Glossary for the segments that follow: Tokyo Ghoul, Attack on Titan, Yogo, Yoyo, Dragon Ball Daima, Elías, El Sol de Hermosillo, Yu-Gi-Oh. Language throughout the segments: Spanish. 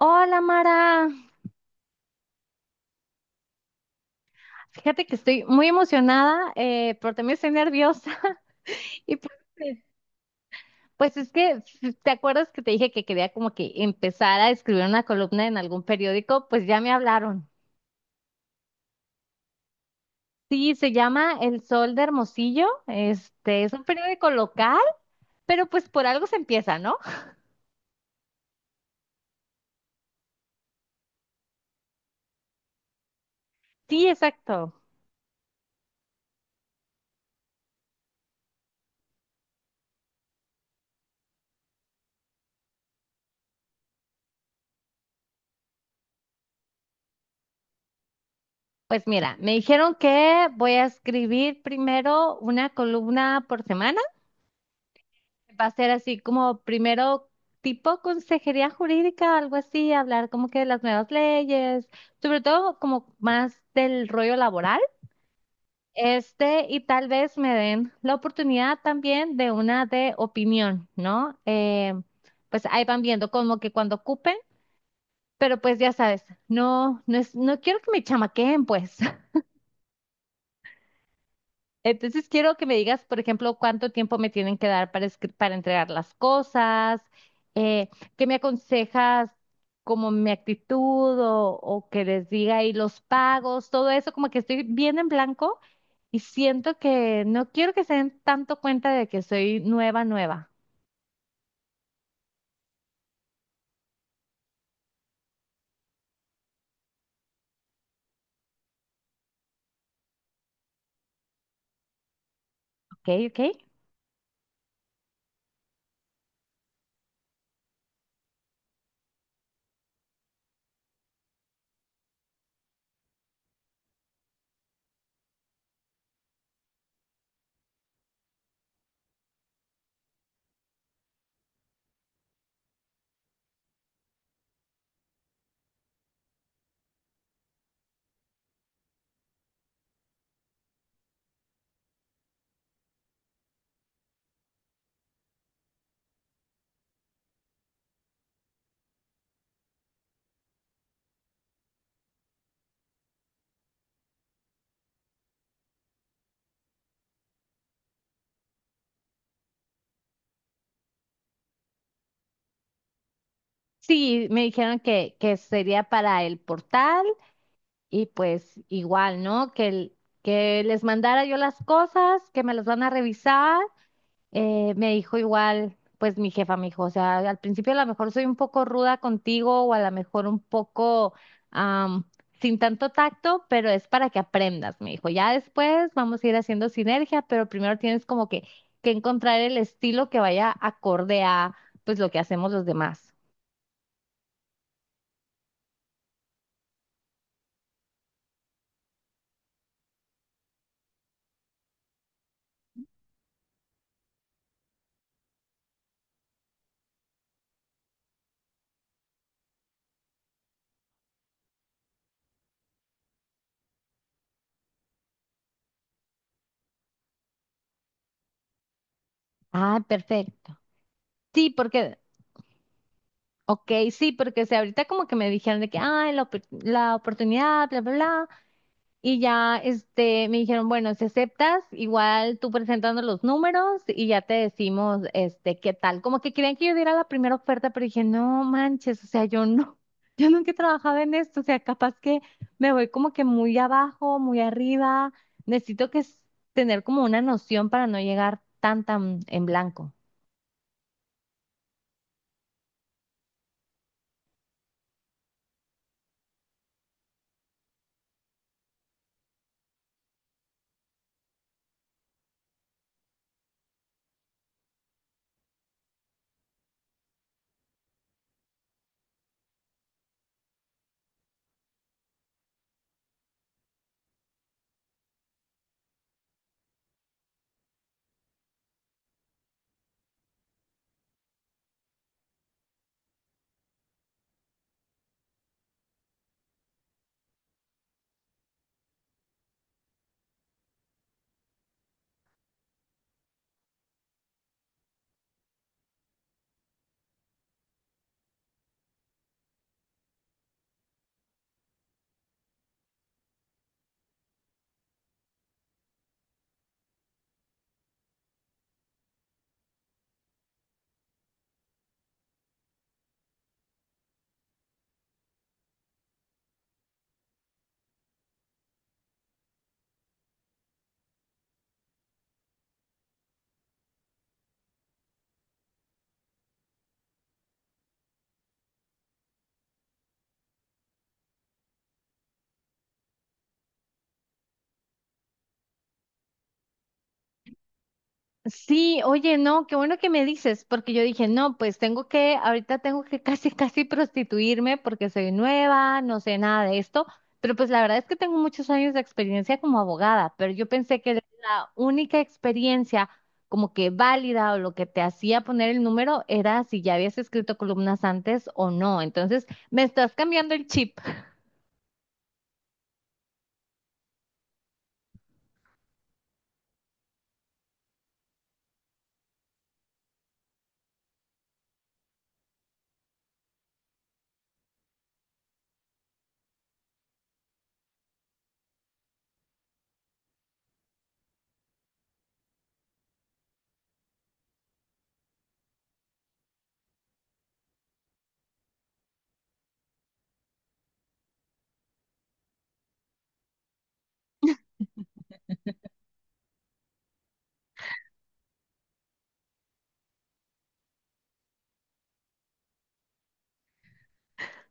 Hola Mara, fíjate que estoy muy emocionada, pero también estoy nerviosa. Y pues, eh, pues es que, ¿Te acuerdas que te dije que quería como que empezar a escribir una columna en algún periódico? Pues ya me hablaron. Sí, se llama El Sol de Hermosillo, este es un periódico local, pero pues por algo se empieza, ¿no? Sí, exacto. Pues mira, me dijeron que voy a escribir primero una columna por semana. Va a ser así como primero tipo consejería jurídica, algo así, hablar como que de las nuevas leyes, sobre todo como más del rollo laboral. Este, y tal vez me den la oportunidad también de una de opinión, ¿no? Pues ahí van viendo como que cuando ocupen, pero pues ya sabes, no quiero que me chamaqueen, pues. Entonces quiero que me digas, por ejemplo, cuánto tiempo me tienen que dar para, para entregar las cosas, eh, qué me aconsejas como mi actitud o que les diga y los pagos, todo eso, como que estoy bien en blanco y siento que no quiero que se den tanto cuenta de que soy nueva, nueva, ¿ok? ¿Ok? Sí, me dijeron que sería para el portal y pues igual, ¿no? Que les mandara yo las cosas, que me las van a revisar. Me dijo igual, pues mi jefa me dijo, o sea, al principio a lo mejor soy un poco ruda contigo o a lo mejor un poco am, sin tanto tacto, pero es para que aprendas, me dijo. Ya después vamos a ir haciendo sinergia, pero primero tienes como que encontrar el estilo que vaya acorde a pues lo que hacemos los demás. Ah, perfecto. Sí, porque, ok, sí, porque o sea, ahorita como que me dijeron de que, ay, la oportunidad, bla, bla, bla. Y ya este, me dijeron, bueno, si aceptas, igual tú presentando los números y ya te decimos este, qué tal. Como que querían que yo diera la primera oferta, pero dije, no manches, o sea, yo no, yo nunca he trabajado en esto, o sea, capaz que me voy como que muy abajo, muy arriba. Necesito que s- Tener como una noción para no llegar tan tan en blanco. Sí, oye, no, qué bueno que me dices, porque yo dije, no, pues tengo que, ahorita tengo que casi, casi prostituirme porque soy nueva, no sé nada de esto, pero pues la verdad es que tengo muchos años de experiencia como abogada, pero yo pensé que la única experiencia como que válida o lo que te hacía poner el número era si ya habías escrito columnas antes o no, entonces me estás cambiando el chip.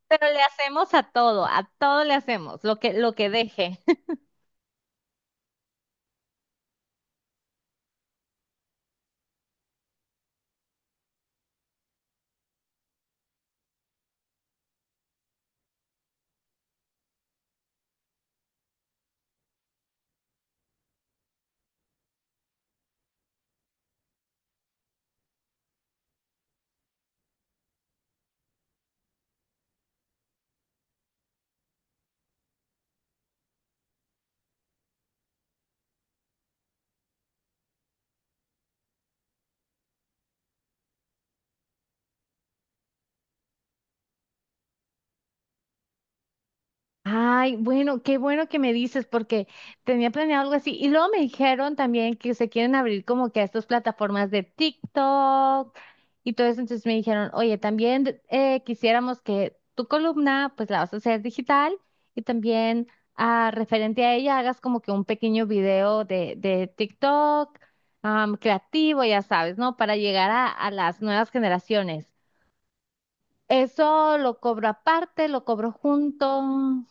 Pero le hacemos a todo le hacemos, lo que deje. Ay, bueno, qué bueno que me dices porque tenía planeado algo así. Y luego me dijeron también que se quieren abrir como que a estas plataformas de TikTok y todo eso. Entonces me dijeron, oye, también quisiéramos que tu columna pues la vas a hacer digital y también referente a ella hagas como que un pequeño video de TikTok creativo, ya sabes, ¿no? Para llegar a las nuevas generaciones. Eso lo cobro aparte, lo cobro junto.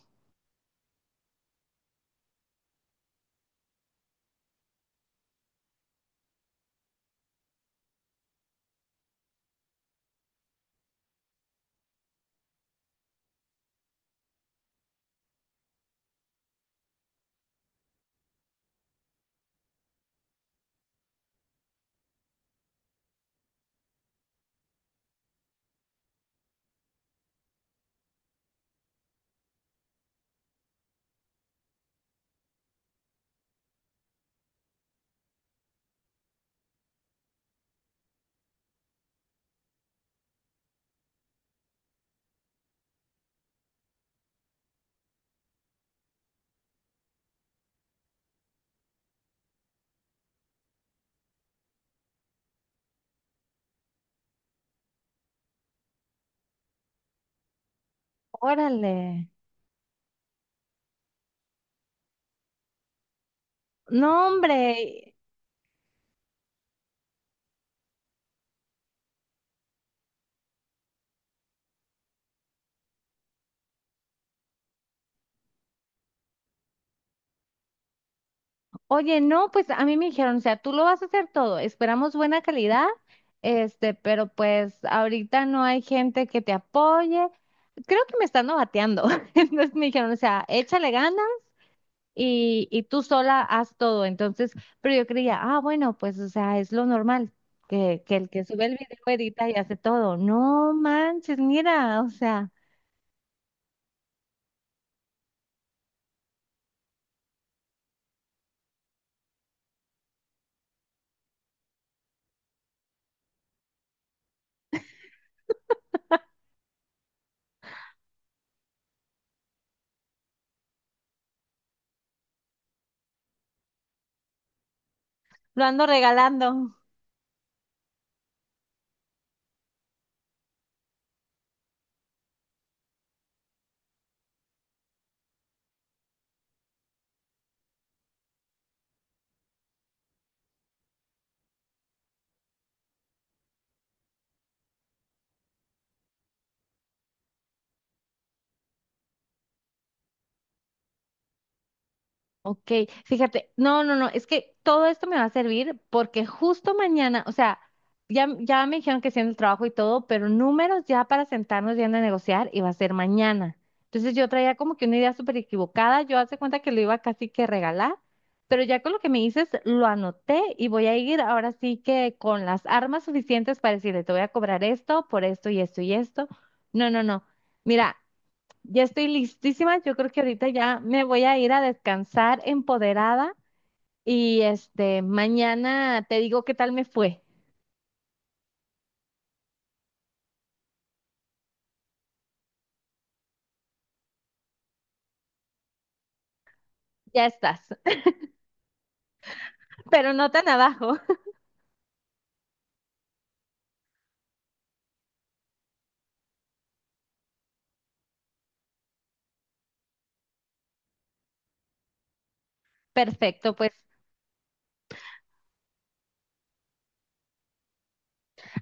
Órale. No, hombre. Oye, no, pues a mí me dijeron, o sea, tú lo vas a hacer todo. Esperamos buena calidad, este, pero pues ahorita no hay gente que te apoye. Creo que me están novateando. Entonces me dijeron, o sea, échale ganas y tú sola haz todo. Entonces, pero yo creía, ah, bueno, pues, o sea, es lo normal, que el que sube el video edita y hace todo. No manches, mira, o sea, lo ando regalando. Ok, fíjate, no, no, no, es que todo esto me va a servir porque justo mañana, o sea, ya me dijeron que sí en el trabajo y todo, pero números ya para sentarnos bien a negociar y va a ser mañana. Entonces yo traía como que una idea súper equivocada, yo hace cuenta que lo iba casi que regalar, pero ya con lo que me dices lo anoté y voy a ir ahora sí que con las armas suficientes para decirle, te voy a cobrar esto por esto y esto y esto. No, no, no. Mira. Ya estoy listísima. Yo creo que ahorita ya me voy a ir a descansar empoderada y este, mañana te digo qué tal me fue. Ya estás, pero no tan abajo. Perfecto, pues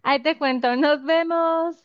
ahí te cuento. Nos vemos.